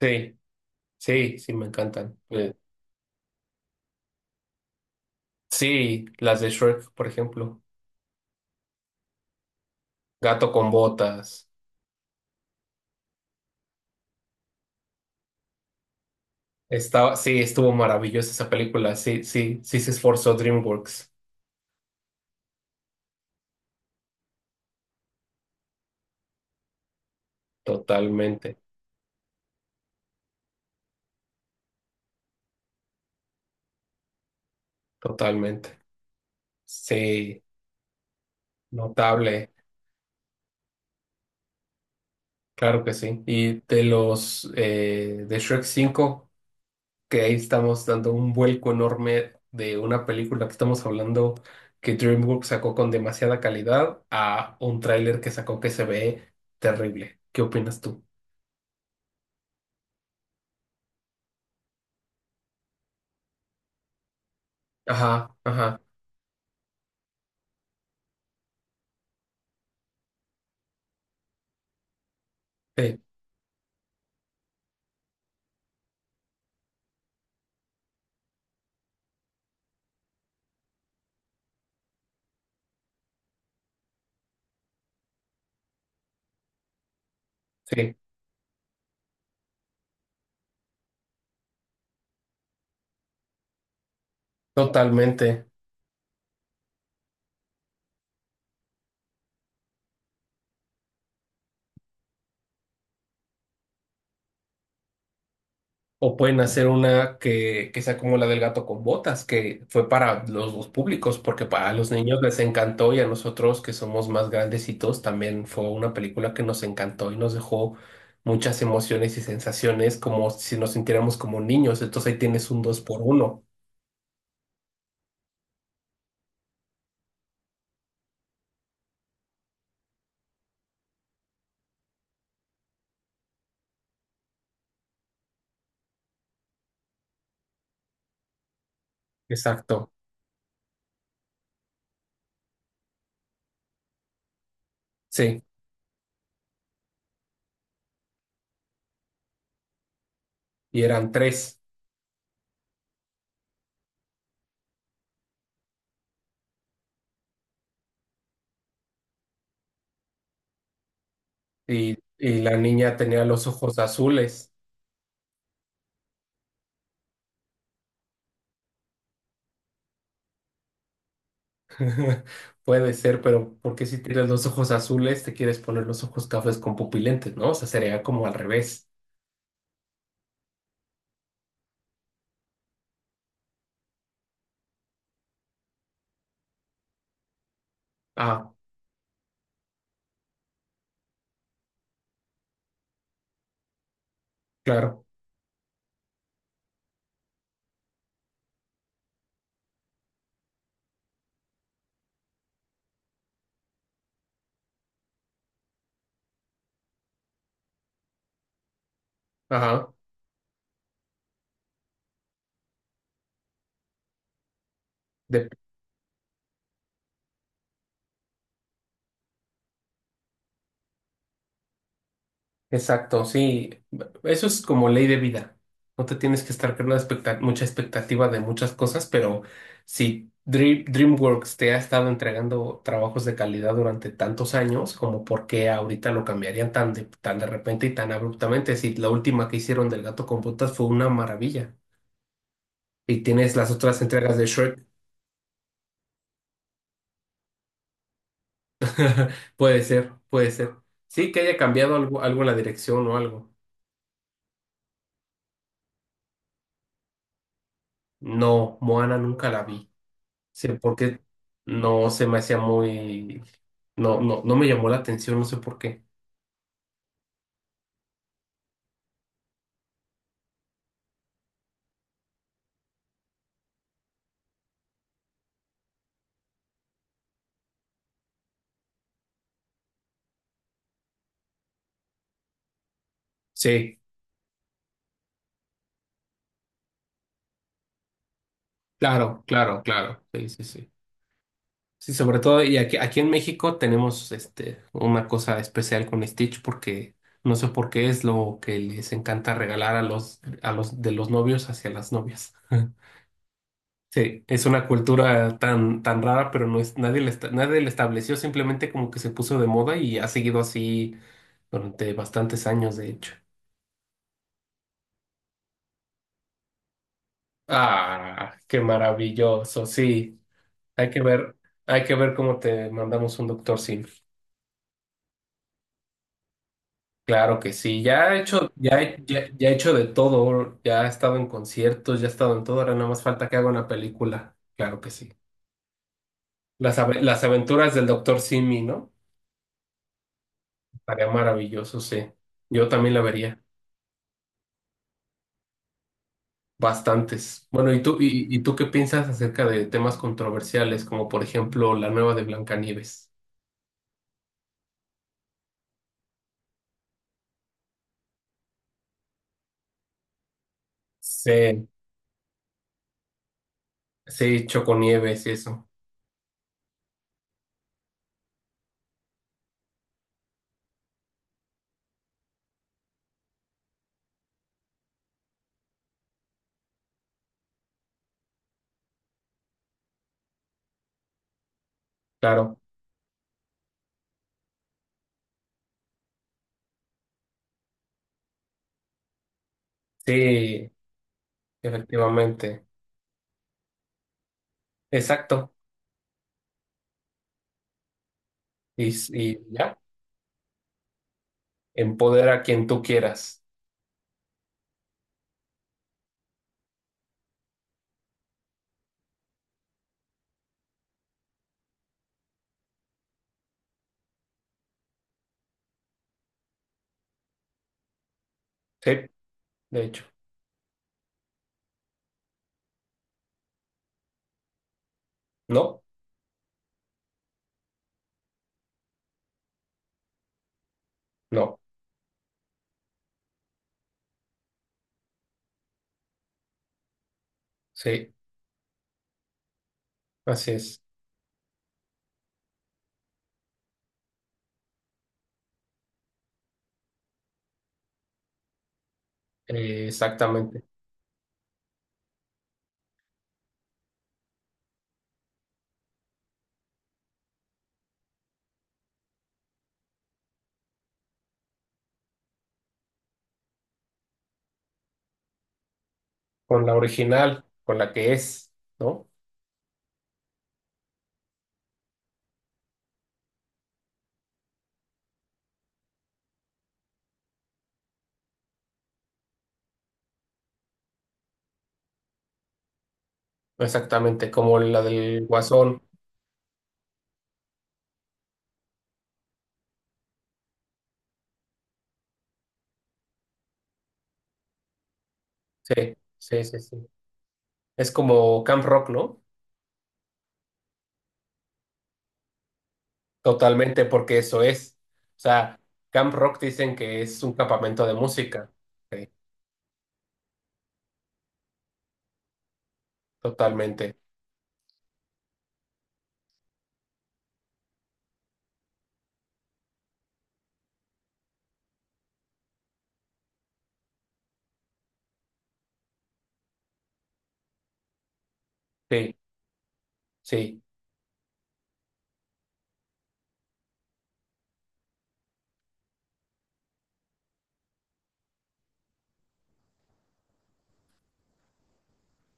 Sí, sí, me encantan. Sí, las de Shrek, por ejemplo. Gato con botas. Estaba, sí, estuvo maravillosa esa película. Sí, se esforzó DreamWorks. Totalmente, totalmente. Sí, notable. Claro que sí. Y de los de Shrek cinco, que ahí estamos dando un vuelco enorme de una película que estamos hablando que DreamWorks sacó con demasiada calidad a un tráiler que sacó que se ve terrible. ¿Qué opinas tú? Ajá, ajá, sí, sí, totalmente. O pueden hacer una que sea como la del gato con botas, que fue para los dos públicos, porque para los niños les encantó y a nosotros que somos más grandecitos también fue una película que nos encantó y nos dejó muchas emociones y sensaciones como si nos sintiéramos como niños. Entonces ahí tienes un dos por uno. Exacto, sí. Y eran tres. Y la niña tenía los ojos azules. Puede ser, pero ¿por qué si tienes los ojos azules te quieres poner los ojos cafés con pupilentes, no? O sea, sería como al revés. Ah, claro. Ajá. De- Exacto, sí. Eso es como ley de vida. No te tienes que estar creando expecta- mucha expectativa de muchas cosas, pero si Dream- DreamWorks te ha estado entregando trabajos de calidad durante tantos años, como ¿por qué ahorita lo cambiarían tan de repente y tan abruptamente, si la última que hicieron del gato con botas fue una maravilla, y tienes las otras entregas de Shrek. Puede ser, puede ser. Sí, que haya cambiado algo, algo en la dirección o algo. No, Moana nunca la vi. Sí, porque no se me hacía muy... No, no me llamó la atención, no sé por qué. Sí, claro, claro, claro. Sí, sí, sí. Sí, sobre todo, y aquí en México tenemos este, una cosa especial con Stitch porque no sé por qué es lo que les encanta regalar a a los de los novios hacia las novias. Sí, es una cultura tan rara, pero no es, nadie la, esta- nadie la estableció, simplemente como que se puso de moda y ha seguido así durante bastantes años, de hecho. Ah, qué maravilloso, sí. Hay que ver, hay que ver cómo te mandamos un doctor Sim. Claro que sí. Ya he hecho, ya he hecho de todo, ya he estado en conciertos, ya he estado en todo, ahora nada más falta que haga una película. Claro que sí. Las, ave- las aventuras del doctor Simi, ¿no? Estaría maravilloso, sí. Yo también la vería. Bastantes. Bueno, ¿y y tú qué piensas acerca de temas controversiales, como por ejemplo la nueva de Blancanieves? Sí, sí, Choconieves y eso. Claro, sí, efectivamente. Exacto. Y ya, empodera a quien tú quieras. Sí, de hecho. No, no, sí, así es. Exactamente. Con la original, con la que es, ¿no? Exactamente, como la del Guasón. Sí, sí, sí, sí. Es como Camp Rock, ¿no? Totalmente, porque eso es. O sea, Camp Rock dicen que es un campamento de música. Sí, totalmente. Sí, sí.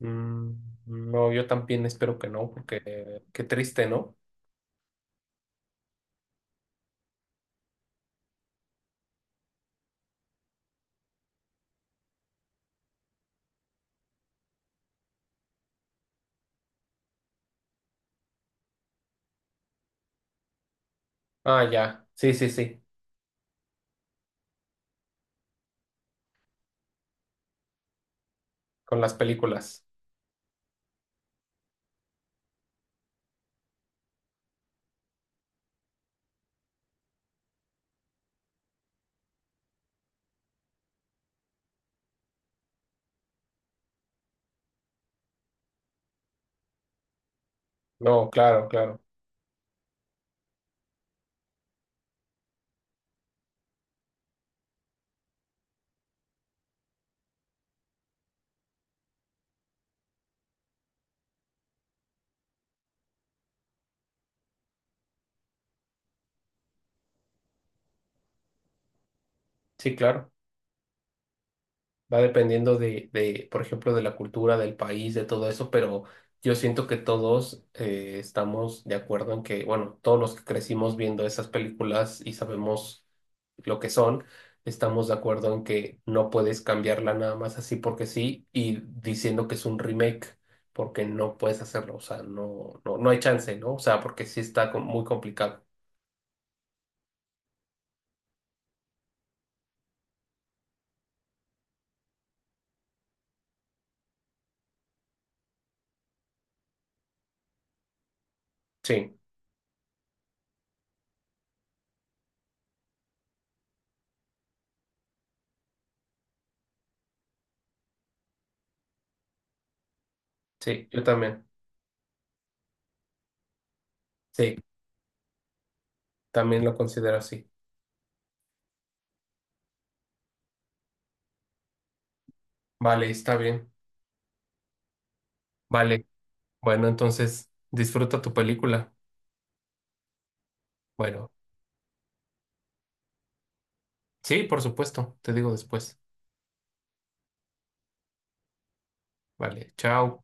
Mm, no, yo también espero que no, porque qué triste, ¿no? Ah, ya. Sí, sí, sí. Con las películas. No, claro, claro. Sí, claro. Va dependiendo por ejemplo, de la cultura del país, de todo eso, pero yo siento que todos estamos de acuerdo en que, bueno, todos los que crecimos viendo esas películas y sabemos lo que son, estamos de acuerdo en que no puedes cambiarla nada más así porque sí y diciendo que es un remake, porque no puedes hacerlo, o sea, no hay chance, ¿no? O sea, porque sí está com- muy complicado. Sí, sí, yo también. Sí, también lo considero así. Vale, está bien. Vale. Bueno, entonces disfruta tu película. Bueno, sí, por supuesto, te digo después. Vale, chao.